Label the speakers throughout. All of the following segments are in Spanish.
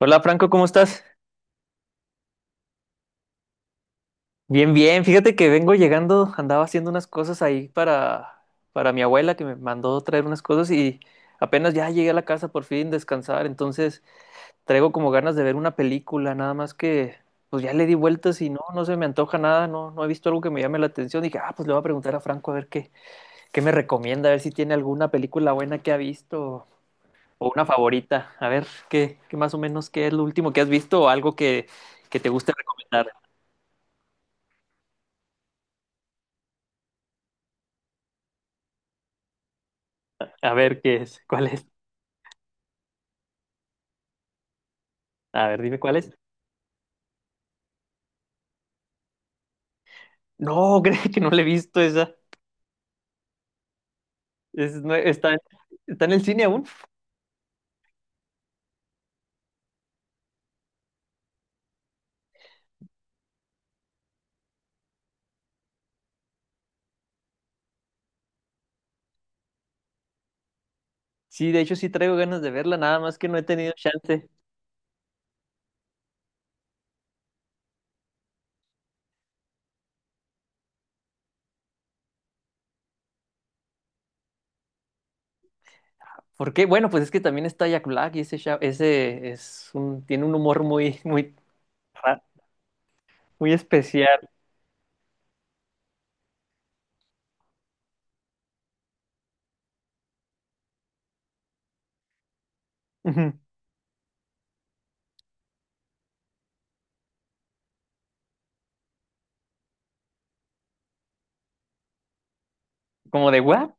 Speaker 1: Hola Franco, ¿cómo estás? Bien, bien. Fíjate que vengo llegando, andaba haciendo unas cosas ahí para mi abuela que me mandó traer unas cosas, y apenas ya llegué a la casa por fin descansar. Entonces traigo como ganas de ver una película, nada más que pues ya le di vueltas y no, no se me antoja nada, no, no he visto algo que me llame la atención. Dije, ah, pues le voy a preguntar a Franco a ver qué, me recomienda, a ver si tiene alguna película buena que ha visto o una favorita. A ver, qué, más o menos qué es lo último que has visto o algo que te guste recomendar. A ver, ¿qué es? ¿Cuál es? A ver, dime cuál es. No, creo que no la he visto esa. Es nue- está, está en el cine aún. Sí, de hecho sí traigo ganas de verla, nada más que no he tenido chance. ¿Por qué? Bueno, pues es que también está Jack Black, y ese tiene un humor muy, muy, ra- muy especial. Ujú. Como de, ¿what?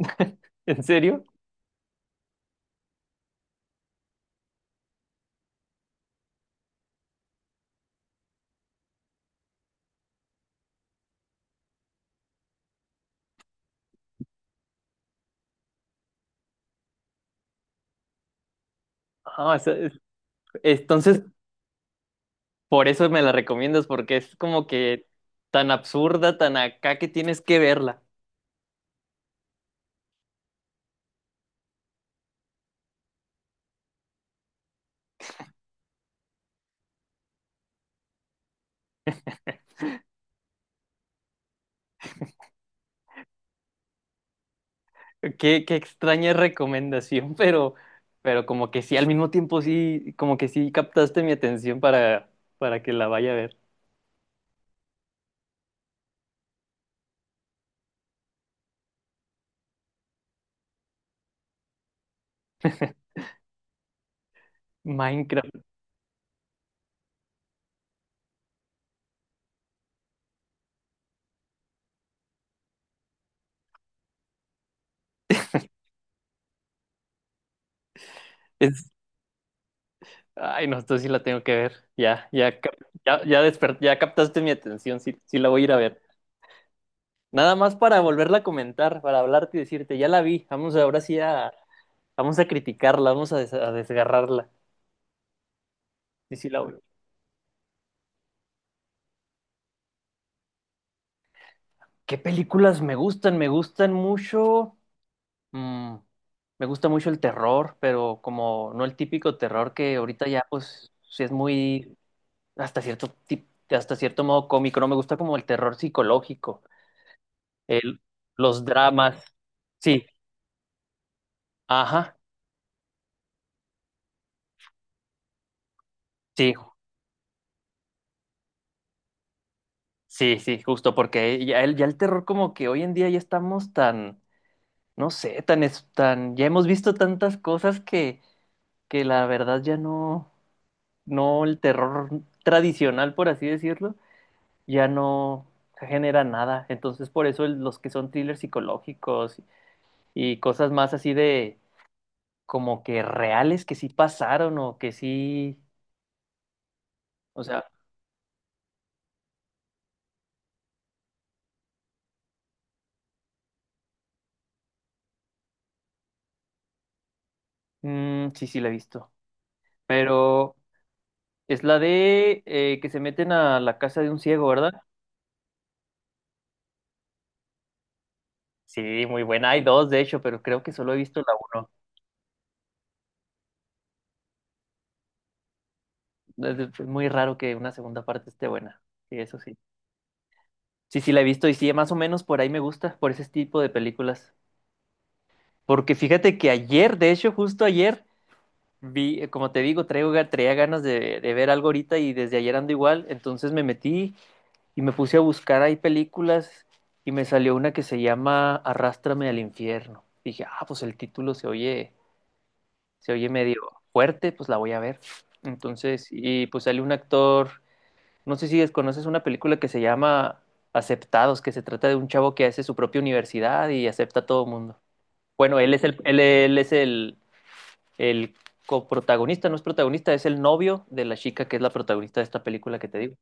Speaker 1: ¿En serio? Ah, o sea, entonces, por eso me la recomiendas, porque es como que tan absurda, tan acá, que tienes que verla. Qué, extraña recomendación, pero, como que sí, al mismo tiempo sí, como que sí captaste mi atención para, que la vaya a ver. Minecraft. Es, Ay, no, esto sí la tengo que ver. Ya, ya, ya captaste mi atención, sí, sí la voy a ir a ver. Nada más para volverla a comentar, para hablarte y decirte, ya la vi, vamos a criticarla, a desgarrarla. Sí, sí la voy. ¿Qué películas me gustan? Me gustan mucho. Mm, Me gusta mucho el terror, pero como no el típico terror, que ahorita ya pues sí es muy hasta cierto modo cómico. No me gusta como el terror psicológico, el, los dramas. Sí, ajá. Sí, sí, sí, justo porque ya el terror, como que hoy en día ya estamos tan, no sé, tan ya hemos visto tantas cosas que la verdad, ya no, no, el terror tradicional, por así decirlo, ya no genera nada. Entonces, por eso los que son thrillers psicológicos y cosas más así, de como que reales, que sí pasaron o que sí, o sea, mm, sí, sí la he visto. Pero es la de que se meten a la casa de un ciego, ¿verdad? Sí, muy buena. Hay dos, de hecho, pero creo que solo he visto la uno. Es muy raro que una segunda parte esté buena. Sí, eso sí. Sí, sí, la he visto, y sí, más o menos por ahí me gusta, por ese tipo de películas. Porque fíjate que ayer, de hecho, justo ayer, como te digo, traía ganas de ver algo ahorita, y desde ayer ando igual. Entonces me metí y me puse a buscar ahí películas, y me salió una que se llama Arrástrame al infierno. Dije, ah, pues el título se oye, medio fuerte, pues la voy a ver. Entonces, y pues sale un actor, no sé si desconoces una película que se llama Aceptados, que se trata de un chavo que hace su propia universidad y acepta a todo mundo. Bueno, él es el coprotagonista. No es protagonista, es el novio de la chica que es la protagonista de esta película que te digo.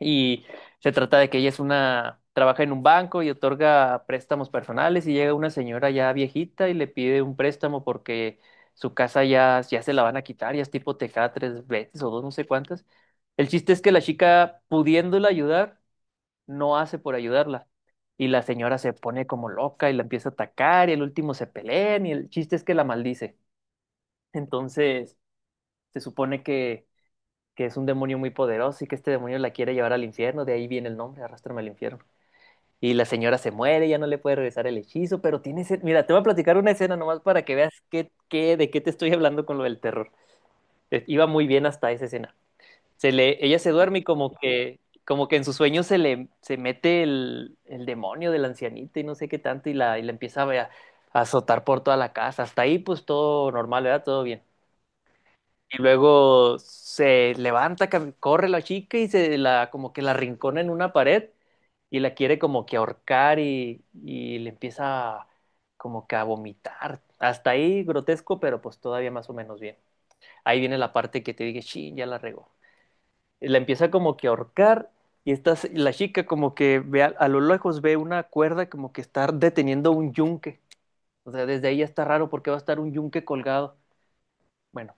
Speaker 1: Y se trata de que ella es trabaja en un banco y otorga préstamos personales, y llega una señora ya viejita y le pide un préstamo porque su casa ya, se la van a quitar. Ya es tipo tejada tres veces o dos, no sé cuántas. El chiste es que la chica, pudiéndola ayudar, no hace por ayudarla. Y la señora se pone como loca y la empieza a atacar, y el último se pelean, y el chiste es que la maldice. Entonces, se supone que, es un demonio muy poderoso, y que este demonio la quiere llevar al infierno. De ahí viene el nombre, arrastrarme al infierno. Y la señora se muere, ya no le puede regresar el hechizo, pero mira, te voy a platicar una escena nomás para que veas qué, de qué te estoy hablando con lo del terror. Iba muy bien hasta esa escena. Ella se duerme y como que en sus sueños se mete el demonio de la ancianita y no sé qué tanto, y la empieza a azotar por toda la casa. Hasta ahí pues todo normal, ¿verdad? Todo bien. Y luego se levanta, corre la chica y se la como que la rincona en una pared, y la quiere como que ahorcar, y le empieza como que a vomitar. Hasta ahí grotesco, pero pues todavía más o menos bien. Ahí viene la parte que te dije, sí, ya la regó. Y la empieza como que a ahorcar, y la chica como que ve a lo lejos ve una cuerda como que está deteniendo un yunque. O sea, desde ahí ya está raro, porque va a estar un yunque colgado. Bueno,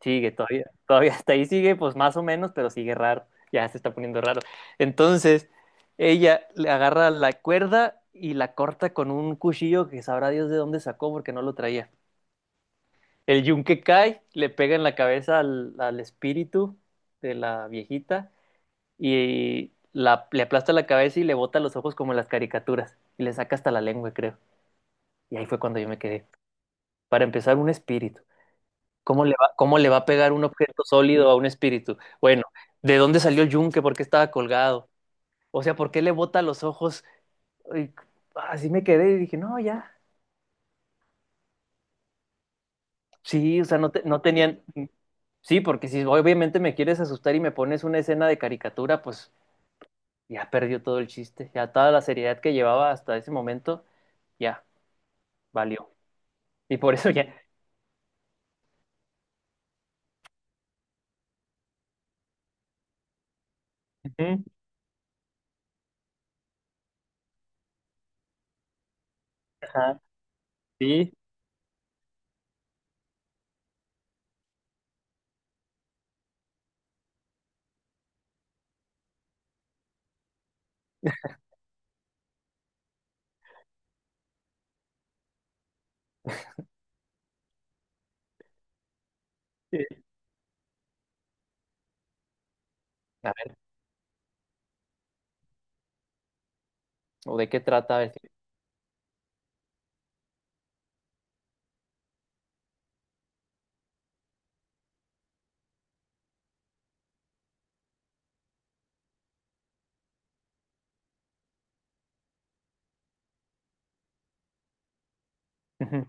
Speaker 1: sigue, todavía hasta ahí sigue, pues más o menos, pero sigue raro, ya se está poniendo raro. Entonces, ella le agarra la cuerda y la corta con un cuchillo que sabrá Dios de dónde sacó, porque no lo traía. El yunque cae, le pega en la cabeza al espíritu de la viejita, y le aplasta la cabeza y le bota los ojos como en las caricaturas, y le saca hasta la lengua, creo. Y ahí fue cuando yo me quedé. Para empezar, un espíritu. ¿Cómo le va a pegar un objeto sólido a un espíritu? Bueno, ¿de dónde salió el yunque? ¿Por qué estaba colgado? O sea, ¿por qué le bota los ojos? Ay, así me quedé y dije, no, ya. Sí, o sea, no, no tenían. Sí, porque si obviamente me quieres asustar y me pones una escena de caricatura, pues ya perdió todo el chiste. Ya toda la seriedad que llevaba hasta ese momento, ya valió. Y por eso, ya. Ujú. Ajá, sí. Sí. A ver, ¿o de qué trata? A ver, sí. Ujú.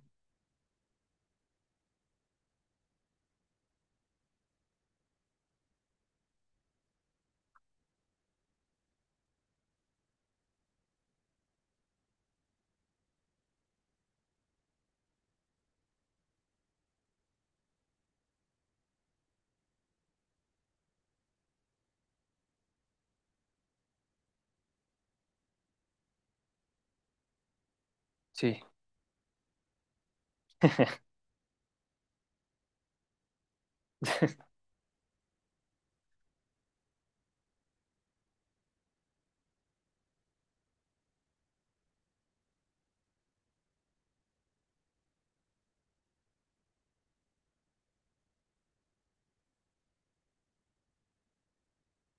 Speaker 1: Sí.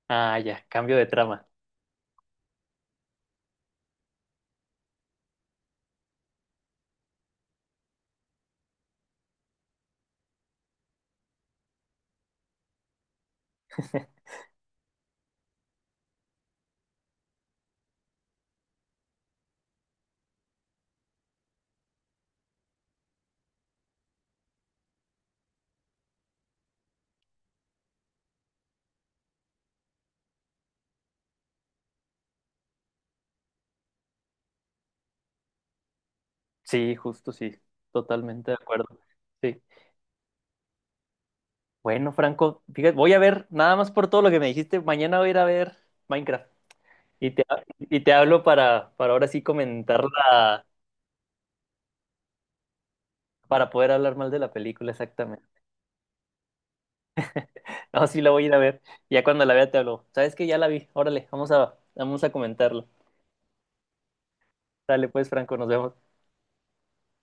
Speaker 1: Ah, ya, cambio de trama. Sí, justo sí, totalmente de acuerdo. Sí. Bueno, Franco, fíjate, voy a ver, nada más por todo lo que me dijiste, mañana voy a ir a ver Minecraft, y te, hablo para, ahora sí comentarla, para poder hablar mal de la película, exactamente. No, sí la voy a ir a ver, ya cuando la vea te hablo. ¿Sabes que ya la vi? Órale, vamos a comentarlo. Dale pues, Franco, nos vemos.